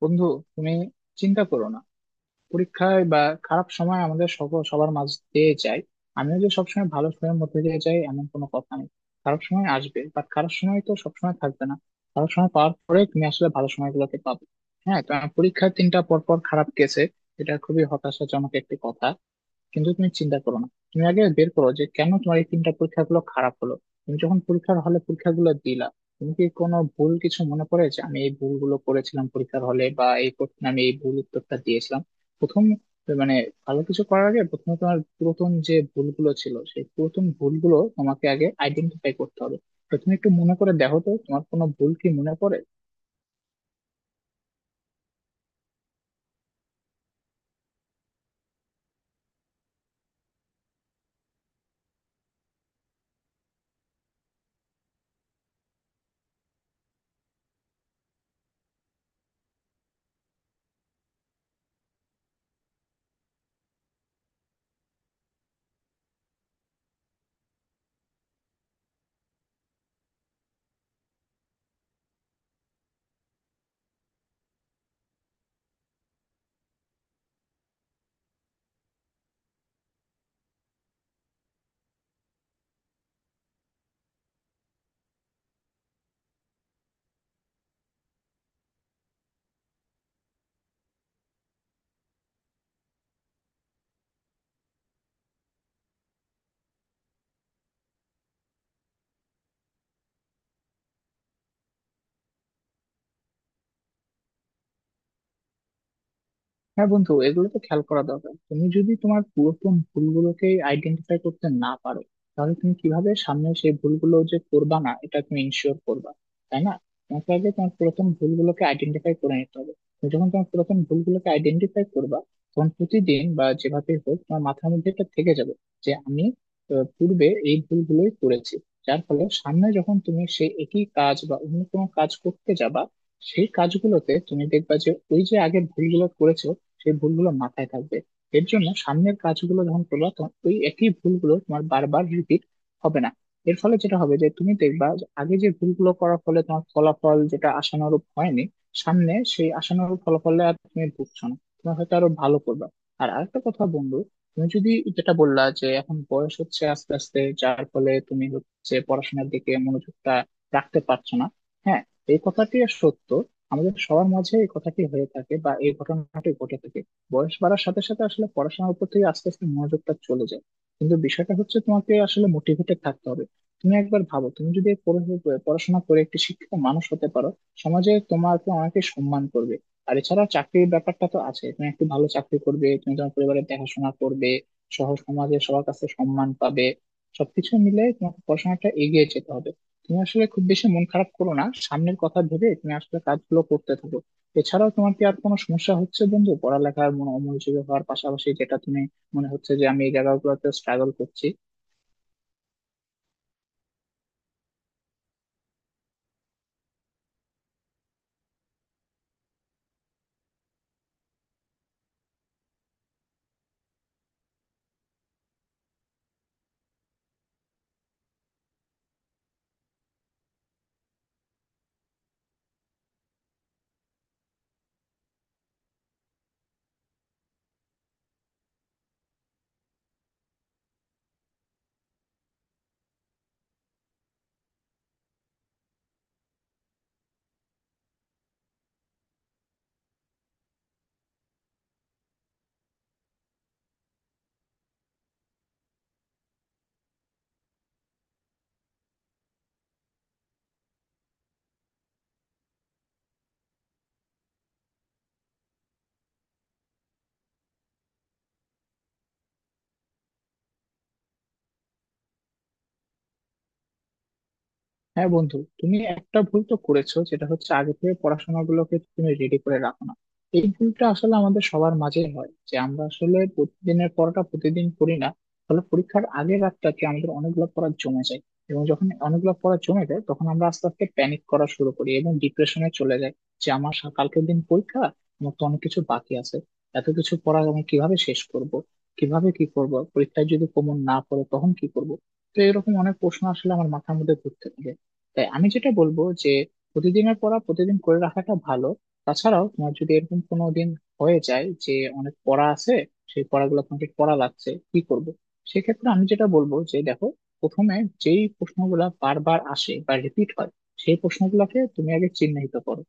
বন্ধু, তুমি চিন্তা করো না। পরীক্ষায় বা খারাপ সময় আমাদের সকল সবার মাঝ দিয়ে যায়। আমিও যে সবসময় ভালো সময়ের মধ্যে দিয়ে যাই এমন কোনো কথা নেই। খারাপ সময় আসবে, বাট খারাপ সময় তো সবসময় থাকবে না। খারাপ সময় পাওয়ার পরে তুমি আসলে ভালো সময়গুলোকে পাবে। হ্যাঁ, তো আমার পরীক্ষায় তিনটা পর পর খারাপ গেছে, এটা খুবই হতাশাজনক একটি কথা। কিন্তু তুমি চিন্তা করো না, তুমি আগে বের করো যে কেন তোমার এই তিনটা পরীক্ষাগুলো খারাপ হলো। তুমি যখন পরীক্ষার হলে পরীক্ষাগুলো দিলা, তুমি কি কোনো ভুল কিছু মনে পড়ে যে আমি এই ভুলগুলো করেছিলাম পরীক্ষার হলে বা এই প্রশ্নে আমি এই ভুল উত্তরটা দিয়েছিলাম? প্রথম মানে, ভালো কিছু করার আগে প্রথমে তোমার পুরাতন যে ভুলগুলো ছিল সেই পুরাতন ভুলগুলো তোমাকে আগে আইডেন্টিফাই করতে হবে। তো তুমি একটু মনে করে দেখো তো তোমার কোনো ভুল কি মনে পড়ে? হ্যাঁ বন্ধু, এগুলো তো খেয়াল করা দরকার। তুমি যদি তোমার পুরাতন ভুলগুলোকে আইডেন্টিফাই করতে না পারো, তাহলে তুমি কিভাবে সামনে সেই ভুলগুলো যে করবা না এটা তুমি ইনশিওর করবা? তাই না? তোমাকে আগে তোমার পুরাতন ভুলগুলোকে আইডেন্টিফাই করে নিতে হবে। তুমি যখন তোমার পুরাতন ভুলগুলোকে আইডেন্টিফাই করবা, তখন প্রতিদিন বা যেভাবে হোক তোমার মাথার মধ্যে এটা থেকে যাবে যে আমি পূর্বে এই ভুলগুলোই করেছি। যার ফলে সামনে যখন তুমি সেই একই কাজ বা অন্য কোনো কাজ করতে যাবা, সেই কাজগুলোতে তুমি দেখবা যে ওই যে আগে ভুলগুলো করেছো সেই ভুলগুলো মাথায় থাকবে। এর জন্য সামনের কাজগুলো যখন করবে তখন ওই একই ভুলগুলো তোমার বারবার রিপিট হবে না। এর ফলে যেটা হবে যে তুমি দেখবা যে আগে যে ভুলগুলো করার ফলে তোমার ফলাফল যেটা আশানুরূপ হয়নি, সামনে সেই আশানুরূপ ফলাফলে আর তুমি ভুগছো না, তুমি হয়তো আরো ভালো করবে। আর আরেকটা কথা বন্ধু, তুমি যদি যেটা বললা যে এখন বয়স হচ্ছে আস্তে আস্তে, যার ফলে তুমি হচ্ছে পড়াশোনার দিকে মনোযোগটা রাখতে পারছো না। হ্যাঁ, এই কথাটি সত্য। আমাদের সবার মাঝে এই কথাটি হয়ে থাকে বা এই ঘটনাটি ঘটে থাকে। বয়স বাড়ার সাথে সাথে আসলে পড়াশোনার উপর থেকে আস্তে আস্তে মনোযোগটা চলে যায়। কিন্তু বিষয়টা হচ্ছে, তোমাকে আসলে মোটিভেটেড থাকতে হবে। তুমি একবার ভাবো, তুমি যদি পড়াশোনা করে একটি শিক্ষিত মানুষ হতে পারো, সমাজে তোমাকে অনেকে সম্মান করবে। আর এছাড়া চাকরির ব্যাপারটা তো আছে, তুমি একটু ভালো চাকরি করবে, তুমি তোমার পরিবারের দেখাশোনা করবে সহ সমাজে সবার কাছে সম্মান পাবে। সবকিছু মিলে তোমাকে পড়াশোনাটা এগিয়ে যেতে হবে। তুমি আসলে খুব বেশি মন খারাপ করো না, সামনের কথা ভেবে তুমি আসলে কাজগুলো করতে থাকো। এছাড়াও তোমার কি আর কোনো সমস্যা হচ্ছে বন্ধু, পড়ালেখার মন অমনোযোগী হওয়ার পাশাপাশি, যেটা তুমি মনে হচ্ছে যে আমি এই জায়গাগুলোতে স্ট্রাগল করছি? হ্যাঁ বন্ধু, তুমি একটা ভুল তো করেছো, যেটা হচ্ছে আগে থেকে পড়াশোনাগুলোকে তুমি রেডি করে রাখো না। এই ভুলটা আসলে আমাদের সবার মাঝে হয় যে আমরা আসলে প্রতিদিনের পড়াটা প্রতিদিন করি না। ফলে পরীক্ষার আগের রাতটাতে আমাদের অনেকগুলো পড়া জমে যায়। এবং যখন অনেকগুলো পড়া জমে যায় তখন আমরা আস্তে আস্তে প্যানিক করা শুরু করি এবং ডিপ্রেশনে চলে যাই যে আমার কালকের দিন পরীক্ষা, আমার তো অনেক কিছু বাকি আছে, এত কিছু পড়া আমি কিভাবে শেষ করব, কিভাবে কি করব, পরীক্ষায় যদি কমন না পড়ে তখন কি করব। তো এরকম অনেক প্রশ্ন আসলে আমার মাথার মধ্যে ঘুরতে থাকে। তাই আমি যেটা বলবো যে প্রতিদিনের পড়া প্রতিদিন করে রাখাটা ভালো। তাছাড়াও তোমার যদি এরকম কোনো দিন হয়ে যায় যে অনেক পড়া আছে, সেই পড়াগুলো তোমাকে পড়া লাগছে, কি করব? সেক্ষেত্রে আমি যেটা বলবো যে দেখো, প্রথমে যেই প্রশ্নগুলো বারবার আসে বা রিপিট হয় সেই প্রশ্নগুলোকে তুমি আগে চিহ্নিত করো।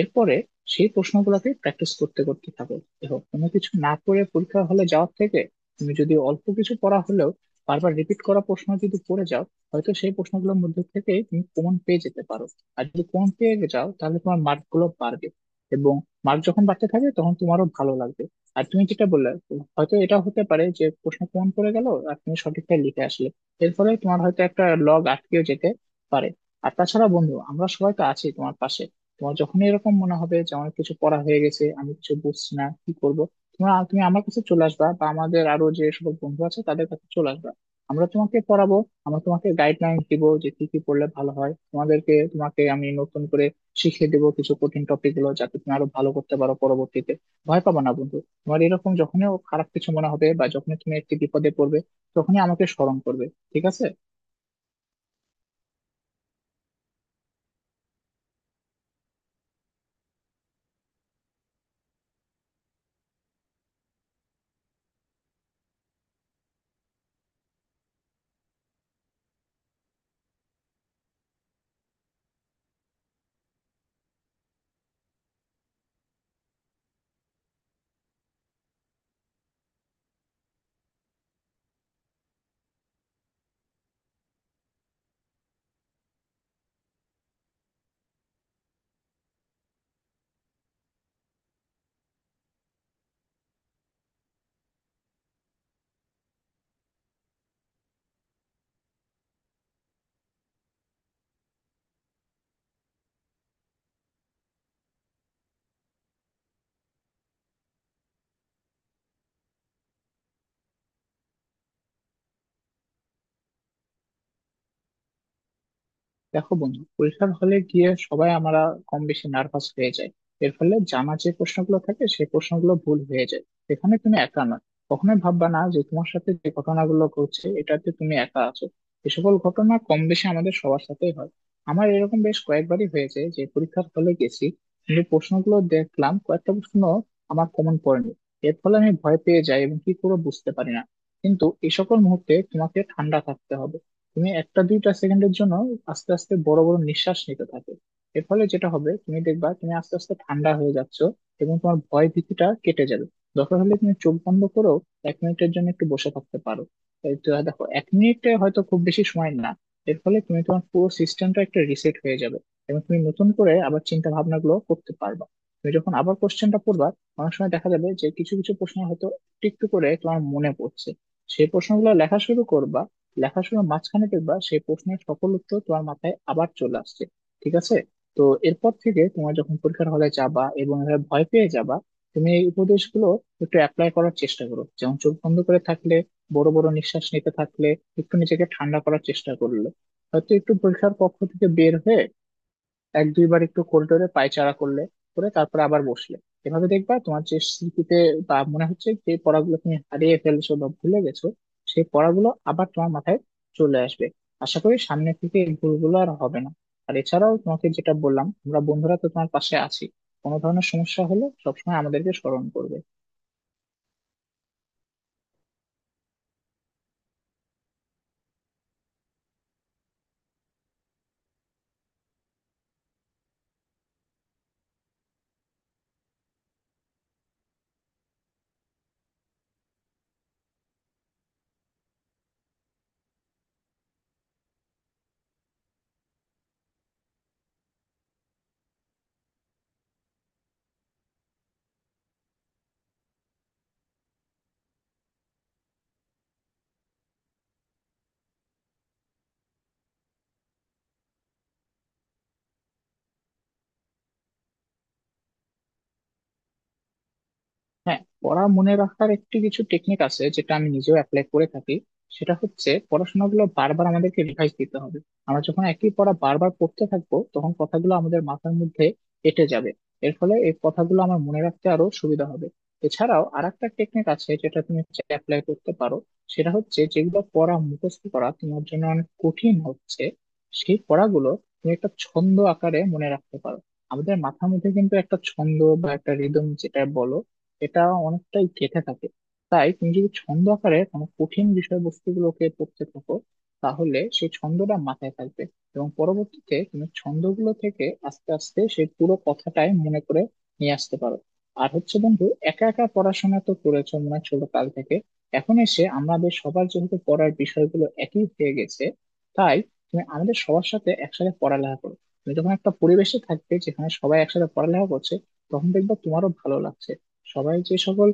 এরপরে সেই প্রশ্নগুলোকে প্র্যাকটিস করতে করতে থাকো। দেখো, কোনো কিছু না পড়ে পরীক্ষা হলে যাওয়ার থেকে তুমি যদি অল্প কিছু পড়া হলেও বারবার রিপিট করা প্রশ্ন যদি পড়ে যাও, হয়তো সেই প্রশ্নগুলোর মধ্যে থেকে তুমি প্রমাণ পেয়ে যেতে পারো। আর যদি প্রমাণ পেয়ে যাও তাহলে তোমার মার্ক গুলো বাড়বে, এবং মার্ক যখন বাড়তে থাকে তখন তোমারও ভালো লাগবে। আর তুমি যেটা বললে, হয়তো এটা হতে পারে যে প্রশ্ন প্রমাণ করে গেল আর তুমি সঠিকটা লিখে আসলে, এর ফলে তোমার হয়তো একটা লগ আটকেও যেতে পারে। আর তাছাড়া বন্ধু, আমরা সবাই তো আছি তোমার পাশে। তোমার যখনই এরকম মনে হবে যে আমার কিছু পড়া হয়ে গেছে, আমি কিছু বুঝছি না কি করবো, তোমরা তুমি আমার কাছে চলে আসবা বা আমাদের আরো যে সকল বন্ধু আছে তাদের কাছে চলে আসবা। আমরা তোমাকে পড়াবো। আমি তোমাকে গাইডলাইন দিব যে কি কি পড়লে ভালো হয়, তোমাদেরকে তোমাকে আমি নতুন করে শিখিয়ে দেবো কিছু কঠিন টপিক গুলো, যাতে তুমি আরো ভালো করতে পারো পরবর্তীতে। ভয় পাবা না বন্ধু। তোমার এরকম যখনই খারাপ কিছু মনে হবে বা যখনই তুমি একটি বিপদে পড়বে তখনই আমাকে স্মরণ করবে, ঠিক আছে? দেখো বন্ধু, পরীক্ষার হলে গিয়ে সবাই আমরা কম বেশি নার্ভাস হয়ে যায়। এর ফলে জানা যে প্রশ্নগুলো থাকে সেই প্রশ্নগুলো ভুল হয়ে যায়, সেখানে তুমি একা নয়। কখনোই ভাববা না যে তোমার সাথে যে ঘটনাগুলো ঘটছে এটাতে তুমি একা আছো। এ সকল ঘটনা কম বেশি আমাদের সবার সাথেই হয়। আমার এরকম বেশ কয়েকবারই হয়েছে যে পরীক্ষার হলে গেছি কিন্তু প্রশ্নগুলো দেখলাম, কয়েকটা প্রশ্ন আমার কমন পড়েনি। এর ফলে আমি ভয় পেয়ে যাই এবং কি করে বুঝতে পারি না। কিন্তু এই সকল মুহূর্তে তোমাকে ঠান্ডা থাকতে হবে। তুমি একটা দুইটা সেকেন্ডের জন্য আস্তে আস্তে বড় বড় নিঃশ্বাস নিতে থাকো। এর ফলে যেটা হবে, তুমি দেখবা তুমি আস্তে আস্তে ঠান্ডা হয়ে যাচ্ছ এবং তোমার ভয় ভীতিটা কেটে যাবে। দরকার হলে তুমি চোখ বন্ধ করো, এক মিনিটের জন্য একটু বসে থাকতে পারো। এই তো দেখো, এক মিনিটে হয়তো খুব বেশি সময় না, এর ফলে তুমি তোমার পুরো সিস্টেমটা একটা রিসেট হয়ে যাবে এবং তুমি নতুন করে আবার চিন্তা ভাবনা গুলো করতে পারবা। তুমি যখন আবার কোশ্চেনটা পড়বা, অনেক সময় দেখা যাবে যে কিছু কিছু প্রশ্ন হয়তো একটু একটু করে তোমার মনে পড়ছে। সেই প্রশ্নগুলো লেখা শুরু করবা, লেখাশোনার মাঝখানে দেখবা সেই প্রশ্নের সকল উত্তর তোমার মাথায় আবার চলে আসছে। ঠিক আছে? তো এরপর থেকে তোমার যখন পরীক্ষার হলে যাবা এবং এভাবে ভয় পেয়ে যাবা, তুমি এই উপদেশগুলো একটু অ্যাপ্লাই করার চেষ্টা করো। যেমন চোখ বন্ধ করে থাকলে, বড় বড় নিঃশ্বাস নিতে থাকলে, একটু নিজেকে ঠান্ডা করার চেষ্টা করলে, হয়তো একটু পরীক্ষার কক্ষ থেকে বের হয়ে এক দুইবার একটু করিডোরে পায়চারা করলে করে তারপরে আবার বসলে, এভাবে দেখবা তোমার যে স্মৃতিতে বা মনে হচ্ছে যে পড়াগুলো তুমি হারিয়ে ফেলছো বা ভুলে গেছো সেই পড়াগুলো আবার তোমার মাথায় চলে আসবে। আশা করি সামনে থেকে এই ভুলগুলো আর হবে না। আর এছাড়াও তোমাকে যেটা বললাম, আমরা বন্ধুরা তো তোমার পাশে আছি। কোনো ধরনের সমস্যা হলে সবসময় আমাদেরকে স্মরণ করবে। হ্যাঁ, পড়া মনে রাখার একটি কিছু টেকনিক আছে যেটা আমি নিজেও অ্যাপ্লাই করে থাকি। সেটা হচ্ছে পড়াশোনাগুলো বারবার আমাদেরকে রিভাইজ দিতে হবে। আমরা যখন একই পড়া বারবার পড়তে থাকবো তখন কথাগুলো আমাদের মাথার মধ্যে এঁটে যাবে। এর ফলে এই কথাগুলো আমার মনে রাখতে আরো সুবিধা হবে। এছাড়াও আর একটা টেকনিক আছে যেটা তুমি অ্যাপ্লাই করতে পারো। সেটা হচ্ছে, যেগুলো পড়া মুখস্থ করা তোমার জন্য অনেক কঠিন হচ্ছে সেই পড়াগুলো তুমি একটা ছন্দ আকারে মনে রাখতে পারো। আমাদের মাথার মধ্যে কিন্তু একটা ছন্দ বা একটা রিদম, যেটা বলো, এটা অনেকটাই গেঁথে থাকে। তাই তুমি যদি ছন্দ আকারে কোনো কঠিন বিষয়বস্তুগুলোকে পড়তে থাকো, তাহলে সেই ছন্দটা মাথায় থাকবে। এবং পরবর্তীতে তুমি ছন্দগুলো থেকে আস্তে আস্তে সেই পুরো কথাটাই মনে করে নিয়ে আসতে পারো। আর হচ্ছে বন্ধু, একা একা পড়াশোনা তো করেছো মনে হয় ছোট কাল থেকে। এখন এসে আমাদের সবার যেহেতু পড়ার বিষয়গুলো একই হয়ে গেছে, তাই তুমি আমাদের সবার সাথে একসাথে পড়ালেখা করো। তুমি যখন একটা পরিবেশে থাকবে যেখানে সবাই একসাথে পড়ালেখা করছে, তখন দেখবে তোমারও ভালো লাগছে। সবাই যে সকল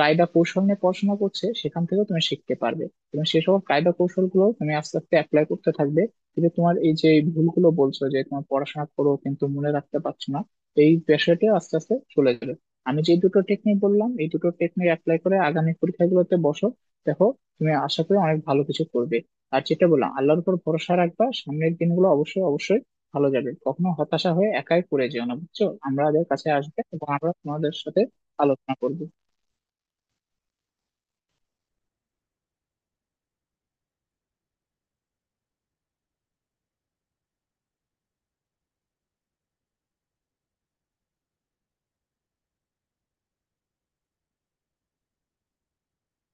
কায়দা কৌশল নিয়ে পড়াশোনা করছে সেখান থেকেও তুমি শিখতে পারবে। তুমি সেই সকল কায়দা কৌশল গুলো তুমি আস্তে আস্তে অ্যাপ্লাই করতে থাকবে। কিন্তু তোমার এই যে ভুলগুলো বলছো যে তোমার পড়াশোনা করো কিন্তু মনে রাখতে পারছো না, এই পেশাটা আস্তে আস্তে চলে যাবে। আমি যে দুটো টেকনিক বললাম এই দুটো টেকনিক অ্যাপ্লাই করে আগামী পরীক্ষাগুলোতে বসো। দেখো, তুমি আশা করি অনেক ভালো কিছু করবে। আর যেটা বললাম, আল্লাহর উপর ভরসা রাখবা, সামনের দিনগুলো অবশ্যই অবশ্যই ভালো যাবে। কখনো হতাশা হয়ে একাই পড়ে যেও না, বুঝছো? আমাদের কাছে আসবে এবং আমরা তোমাদের সাথে আলোচনা করবো।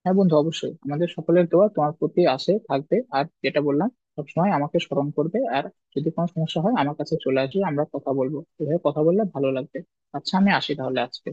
হ্যাঁ বন্ধু, অবশ্যই আমাদের সকলের দোয়া তোমার প্রতি আসে থাকবে। আর যেটা বললাম, সবসময় আমাকে স্মরণ করবে, আর যদি কোনো সমস্যা হয় আমার কাছে চলে আসবে, আমরা কথা বলবো। এভাবে কথা বললে ভালো লাগবে। আচ্ছা, আমি আসি তাহলে আজকে।